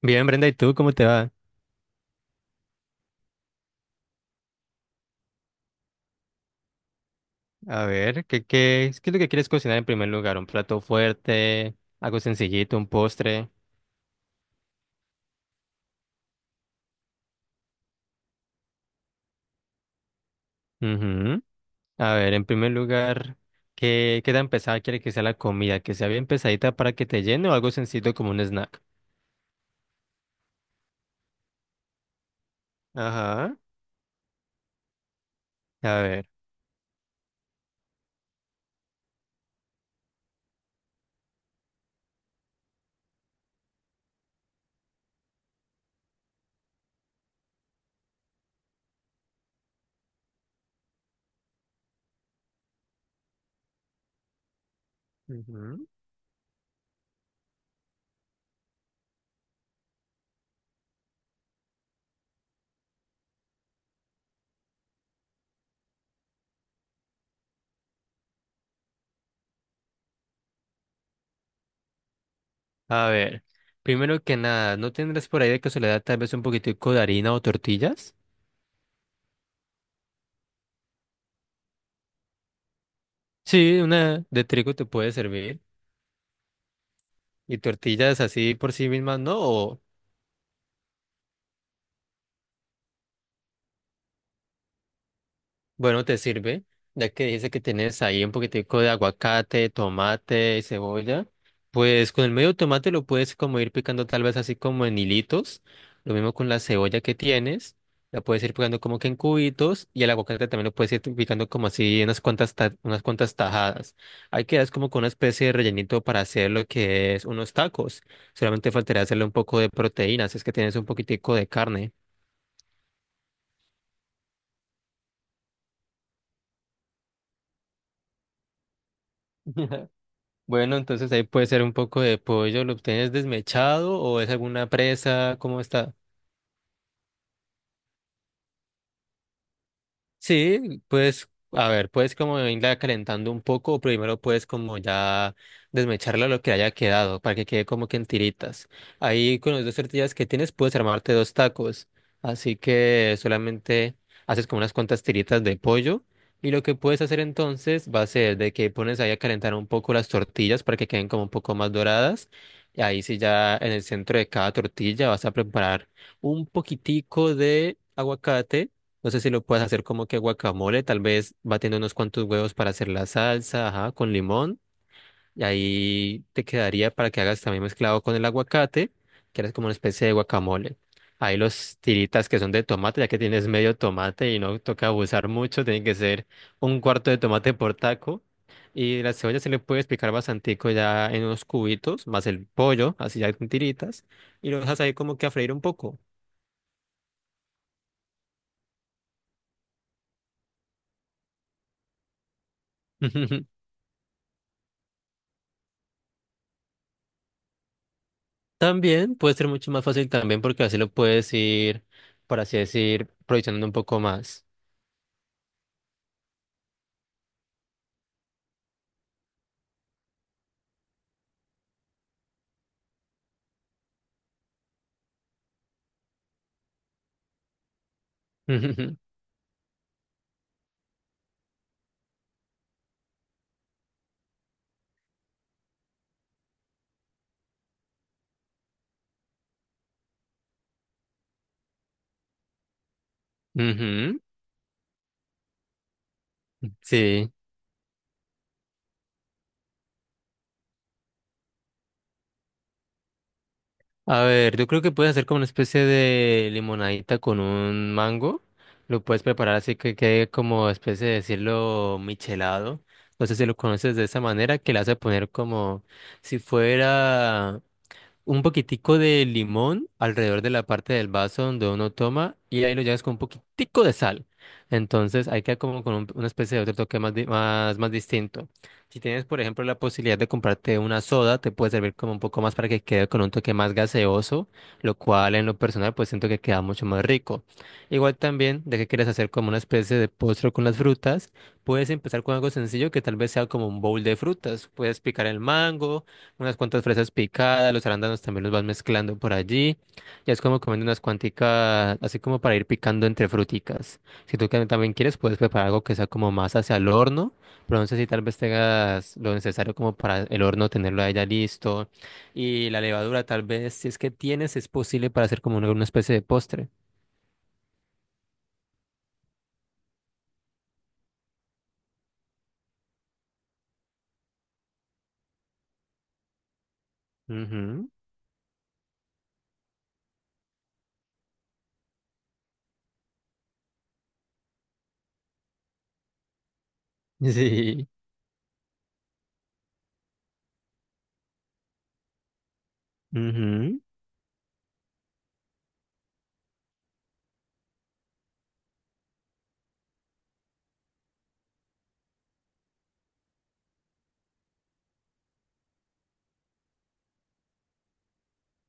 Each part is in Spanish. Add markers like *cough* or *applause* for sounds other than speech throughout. Bien, Brenda, ¿y tú cómo te va? A ver, ¿qué es lo que quieres cocinar en primer lugar? ¿Un plato fuerte? ¿Algo sencillito? ¿Un postre? Ujú. A ver, en primer lugar, ¿qué tan pesada quiere que sea la comida? ¿Que sea bien pesadita para que te llene o algo sencillo como un snack? Ajá, a ver. Ujú. A ver, primero que nada, ¿no tendrás por ahí de casualidad tal vez un poquitico de harina o tortillas? Sí, una de trigo te puede servir. ¿Y tortillas así por sí mismas no? ¿O bueno, te sirve, ya que dice que tienes ahí un poquitico de aguacate, tomate y cebolla. Pues con el medio tomate lo puedes como ir picando tal vez así como en hilitos. Lo mismo con la cebolla que tienes. La puedes ir picando como que en cubitos y el aguacate también lo puedes ir picando como así en unas cuantas, unas cuantas tajadas. Ahí quedas como con una especie de rellenito para hacer lo que es unos tacos. Solamente faltaría hacerle un poco de proteína, si es que tienes un poquitico de carne. *laughs* Bueno, entonces ahí puede ser un poco de pollo, ¿lo obtienes desmechado o es alguna presa? ¿Cómo está? Sí, pues, a ver, puedes como irla calentando un poco, o primero puedes como ya desmecharla lo que haya quedado, para que quede como que en tiritas. Ahí con las dos tortillas que tienes puedes armarte dos tacos, así que solamente haces como unas cuantas tiritas de pollo, y lo que puedes hacer entonces va a ser de que pones ahí a calentar un poco las tortillas para que queden como un poco más doradas, y ahí sí ya en el centro de cada tortilla vas a preparar un poquitico de aguacate. No sé si lo puedes hacer como que guacamole, tal vez batiendo unos cuantos huevos para hacer la salsa, ajá, con limón. Y ahí te quedaría para que hagas también mezclado con el aguacate, que eres como una especie de guacamole. Ahí los tiritas que son de tomate, ya que tienes medio tomate y no toca abusar mucho, tiene que ser un cuarto de tomate por taco. Y la cebolla se le puede picar bastantico ya en unos cubitos, más el pollo, así ya con tiritas. Y lo dejas ahí como que a freír un poco. *laughs* También puede ser mucho más fácil también porque así lo puedes ir, por así decir, proyectando un poco más. *laughs* Ujú, ujú. Sí. A ver, yo creo que puedes hacer como una especie de limonadita con un mango. Lo puedes preparar así que quede como especie de decirlo michelado. No sé si lo conoces de esa manera, que le hace poner como si fuera un poquitico de limón alrededor de la parte del vaso donde uno toma y ahí lo llevas con un poquitico de sal. Entonces ahí queda como con una especie de otro toque más, más, más distinto. Si tienes, por ejemplo, la posibilidad de comprarte una soda, te puede servir como un poco más para que quede con un toque más gaseoso, lo cual en lo personal pues siento que queda mucho más rico. Igual también, de que quieres hacer como una especie de postre con las frutas, puedes empezar con algo sencillo que tal vez sea como un bowl de frutas. Puedes picar el mango, unas cuantas fresas picadas, los arándanos también los vas mezclando por allí. Ya es como comiendo unas cuanticas, así como para ir picando entre fruticas. Si también quieres, puedes preparar algo que sea como más hacia el horno, pero no sé si tal vez tengas lo necesario como para el horno tenerlo ahí ya listo. Y la levadura tal vez, si es que tienes, es posible para hacer como una especie de postre. Ujú. Sí. Ujú.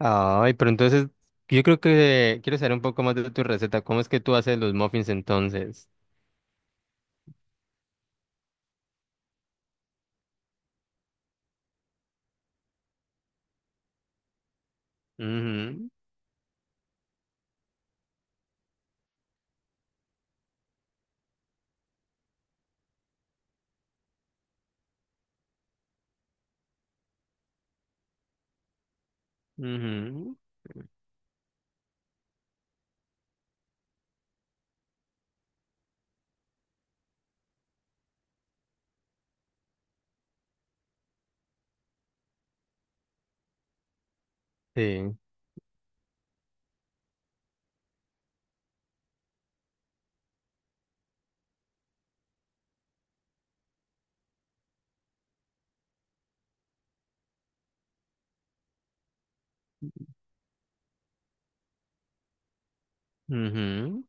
Ay, pero entonces yo creo que quiero saber un poco más de tu receta. ¿Cómo es que tú haces los muffins entonces? Ujú, ujú, sí, ujú,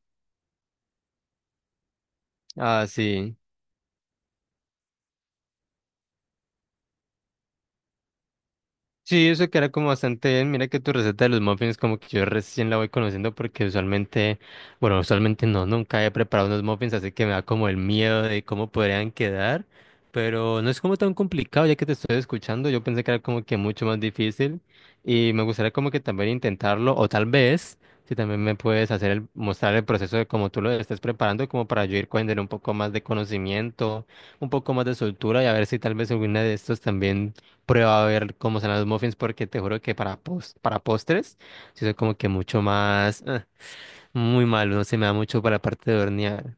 ah, sí. Sí, eso queda como bastante bien. Mira que tu receta de los muffins como que yo recién la voy conociendo porque usualmente, bueno, usualmente no, nunca he preparado unos muffins, así que me da como el miedo de cómo podrían quedar, pero no es como tan complicado ya que te estoy escuchando. Yo pensé que era como que mucho más difícil y me gustaría como que también intentarlo o tal vez si también me puedes hacer el, mostrar el proceso de cómo tú lo estés preparando como para yo ir cogiendo un poco más de conocimiento, un poco más de soltura y a ver si tal vez alguna de estos también prueba a ver cómo son los muffins, porque te juro que para, para postres, sí soy como que mucho más, ah, muy malo, no se me da mucho para la parte de hornear.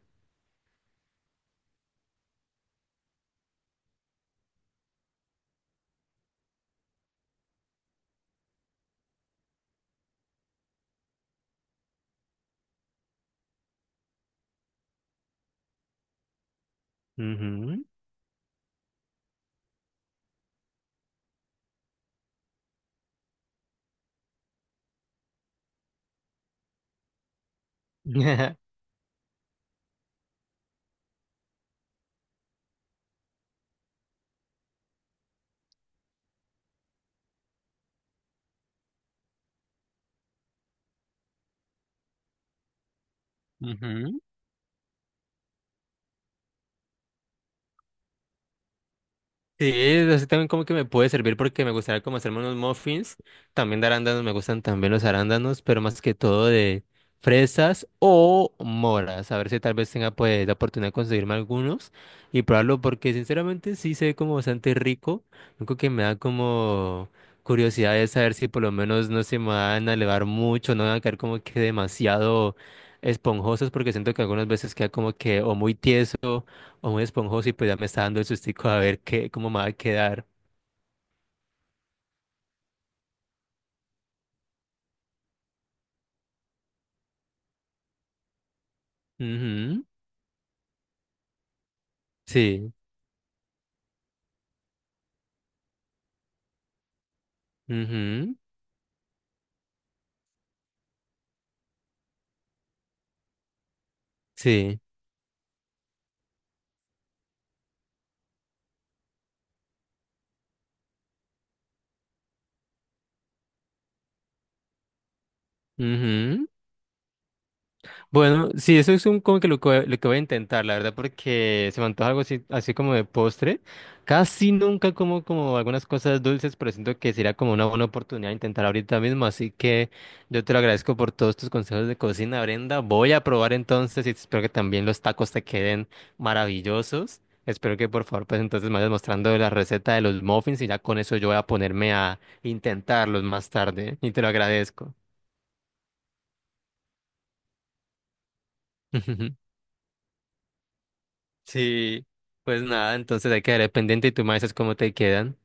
Ujú. *laughs* Ujú. Sí, así también como que me puede servir porque me gustaría como hacerme unos muffins, también de arándanos, me gustan también los arándanos, pero más que todo de fresas o moras, a ver si tal vez tenga pues la oportunidad de conseguirme algunos y probarlo porque sinceramente sí se ve como bastante rico, lo único que me da como curiosidad es saber si por lo menos no se me van a elevar mucho, no van a quedar como que demasiado esponjosos porque siento que algunas veces queda como que o muy tieso o muy esponjoso y pues ya me está dando el sustico a ver qué, cómo me va a quedar. Ujú, sí, ujú, sí, ujú. Bueno, sí, eso es un, como que lo, que lo que voy a intentar, la verdad, porque se me antoja algo así, así como de postre. Casi nunca como, como algunas cosas dulces, pero siento que sería como una buena oportunidad de intentar ahorita mismo. Así que yo te lo agradezco por todos tus consejos de cocina, Brenda. Voy a probar entonces y espero que también los tacos te queden maravillosos. Espero que por favor, pues entonces me vayas mostrando la receta de los muffins y ya con eso yo voy a ponerme a intentarlos más tarde, ¿eh? Y te lo agradezco. *laughs* Sí, pues nada, entonces hay que quedar pendiente y tú me dices cómo te quedan.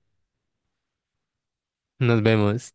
Nos vemos.